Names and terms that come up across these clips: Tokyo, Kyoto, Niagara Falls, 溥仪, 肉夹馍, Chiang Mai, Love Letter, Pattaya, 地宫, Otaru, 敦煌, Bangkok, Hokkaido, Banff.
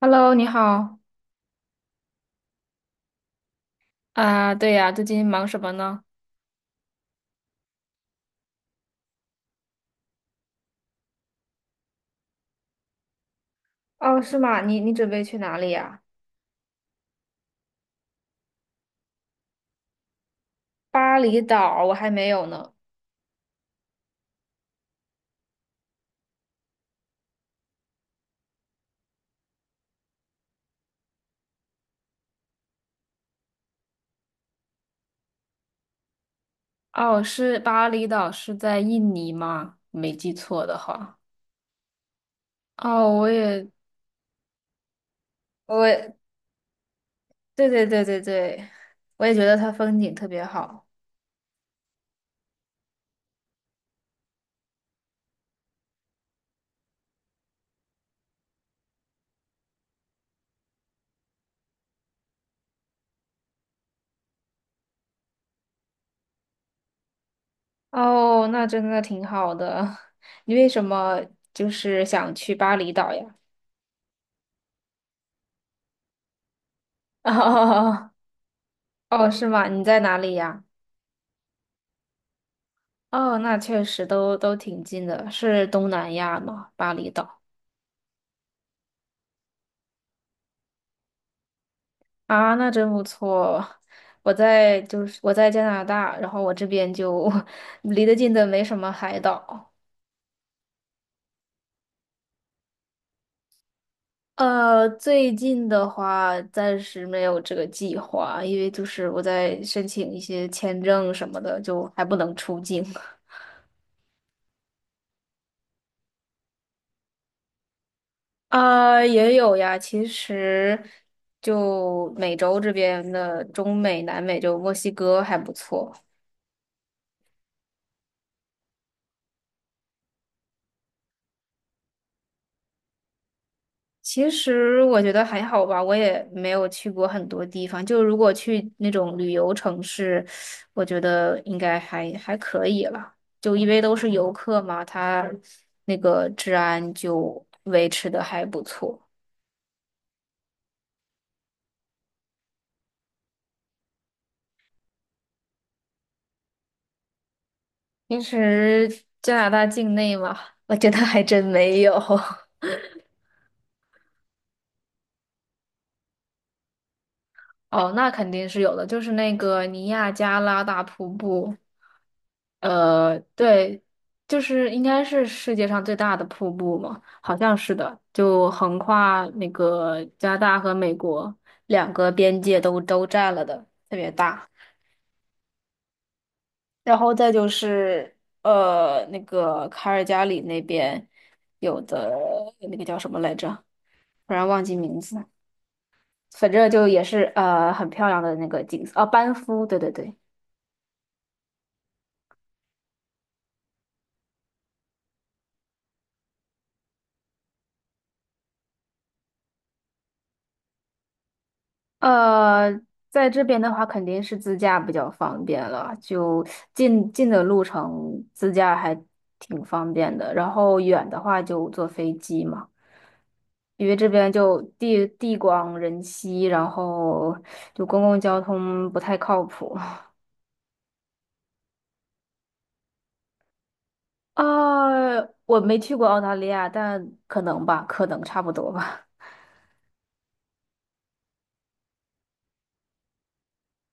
Hello，你好。啊，对呀，最近忙什么呢？哦，是吗？你准备去哪里呀？巴厘岛我还没有呢。哦，是巴厘岛，是在印尼吗？没记错的话。哦，我也，我也，对对对对对，我也觉得它风景特别好。哦，那真的挺好的。你为什么就是想去巴厘岛呀？哦哦哦，是吗？你在哪里呀？哦，那确实都挺近的，是东南亚吗？巴厘岛啊，那真不错。我在就是我在加拿大，然后我这边就 离得近的没什么海岛。最近的话暂时没有这个计划，因为就是我在申请一些签证什么的，就还不能出境。啊，也有呀。其实，就美洲这边的中美、南美，就墨西哥还不错。其实我觉得还好吧，我也没有去过很多地方。就如果去那种旅游城市，我觉得应该还可以了。就因为都是游客嘛，他那个治安就维持的还不错。平时加拿大境内嘛，我觉得还真没有。哦，那肯定是有的，就是那个尼亚加拉大瀑布，呃，对，就是应该是世界上最大的瀑布嘛，好像是的，就横跨那个加拿大和美国两个边界都占了的，特别大。然后再就是那个卡尔加里那边有的那个叫什么来着，突然忘记名字，反正就也是很漂亮的那个景色，啊，班夫，对对对。呃，在这边的话，肯定是自驾比较方便了，就近的路程自驾还挺方便的，然后远的话就坐飞机嘛，因为这边就地广人稀，然后就公共交通不太靠谱。啊，我没去过澳大利亚，但可能吧，可能差不多吧。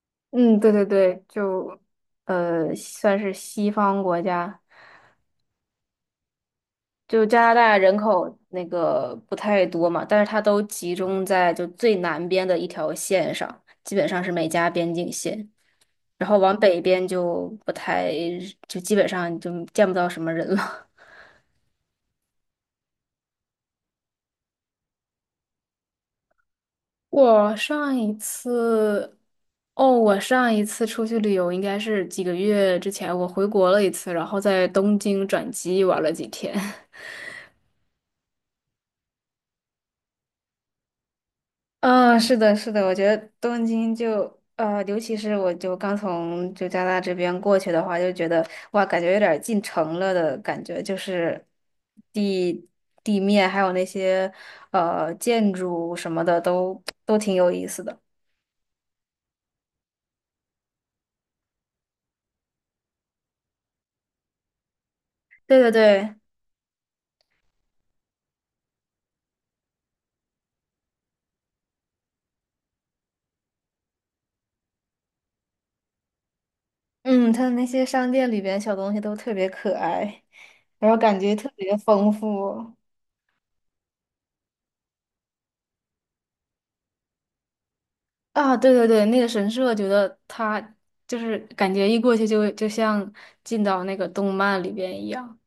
嗯，对对对，就算是西方国家。就加拿大人口那个不太多嘛，但是它都集中在就最南边的一条线上，基本上是美加边境线，然后往北边就不太，就基本上就见不到什么人了。我上一次，哦，我上一次出去旅游应该是几个月之前，我回国了一次，然后在东京转机玩了几天。嗯，是的，是的，我觉得东京就尤其是我就刚从就加拿大这边过去的话，就觉得哇，感觉有点儿进城了的感觉，就是地地面还有那些建筑什么的都挺有意思的。对对对，嗯，它的那些商店里边小东西都特别可爱，然后感觉特别丰富。啊，对对对，那个神社，觉得它就是感觉一过去就像进到那个动漫里边一样。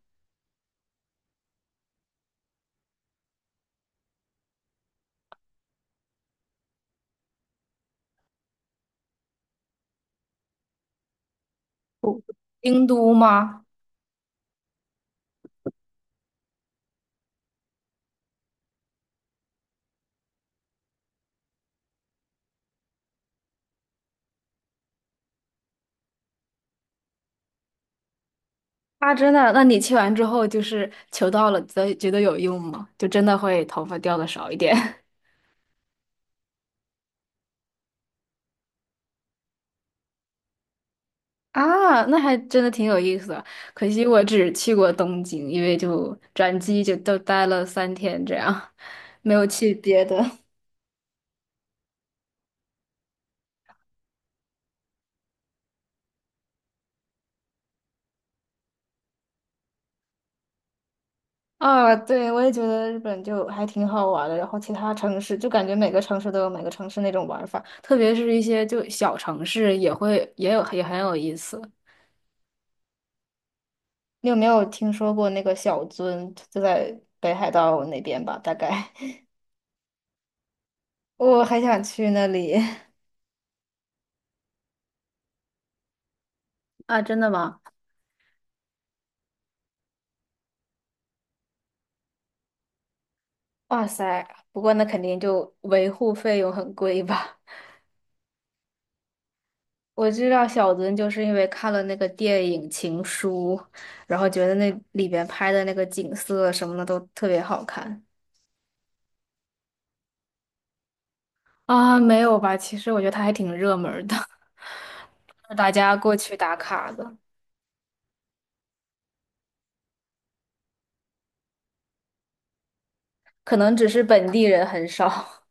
京都吗？啊，真的？那你去完之后，就是求到了，觉得有用吗？就真的会头发掉的少一点 啊？那还真的挺有意思的。可惜我只去过东京，因为就转机就都待了三天这样，没有去别的。啊，对，我也觉得日本就还挺好玩的，然后其他城市就感觉每个城市都有每个城市那种玩法，特别是一些就小城市也会也有也很有意思。你有没有听说过那个小樽，就在北海道那边吧？大概 我很想去那里。啊，真的吗？哇塞，不过那肯定就维护费用很贵吧？我知道小樽就是因为看了那个电影《情书》，然后觉得那里边拍的那个景色什么的都特别好看啊。没有吧？其实我觉得它还挺热门儿的，大家过去打卡的，可能只是本地人很少。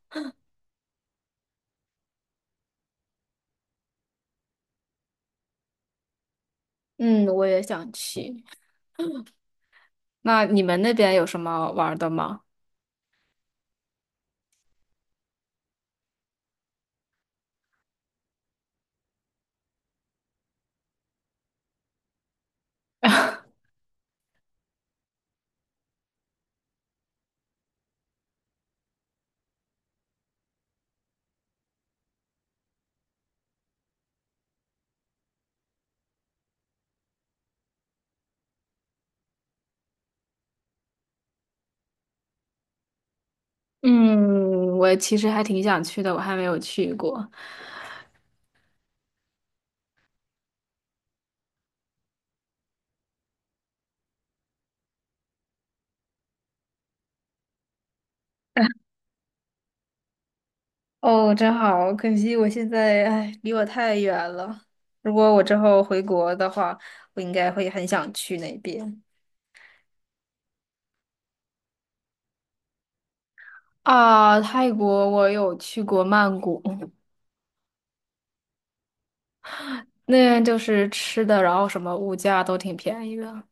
嗯，我也想去。那你们那边有什么玩儿的吗？嗯，我其实还挺想去的，我还没有去过。哦，真好，可惜我现在，哎，离我太远了。如果我之后回国的话，我应该会很想去那边。啊，泰国我有去过曼谷，那边就是吃的，然后什么物价都挺便宜的。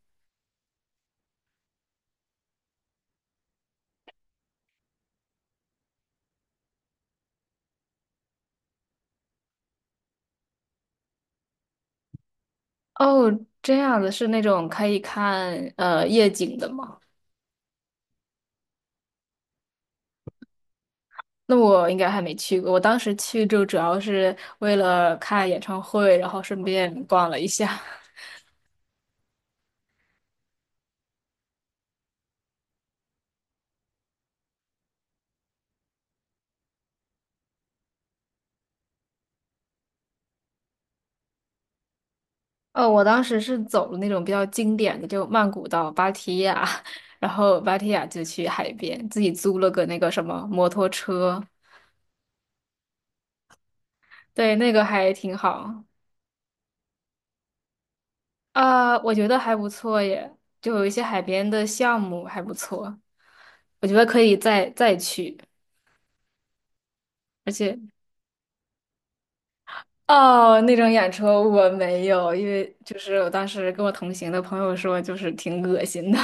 哦，这样子是那种可以看夜景的吗？那我应该还没去过，我当时去就主要是为了看演唱会，然后顺便逛了一下。哦，我当时是走了那种比较经典的，就曼谷到芭提雅，然后芭提雅就去海边，自己租了个那个什么摩托车，对，那个还挺好啊，我觉得还不错耶，就有一些海边的项目还不错，我觉得可以再去，而且哦，那种演出我没有，因为就是我当时跟我同行的朋友说，就是挺恶心的，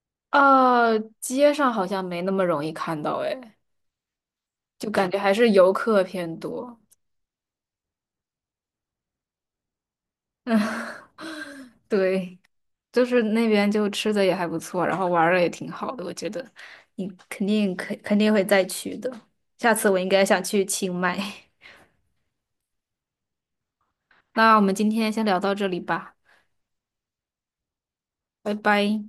街上好像没那么容易看到诶。就感觉还是游客偏多。嗯，对，就是那边就吃的也还不错，然后玩儿的也挺好的，我觉得你肯定会再去的。下次我应该想去清迈。那我们今天先聊到这里吧，拜拜。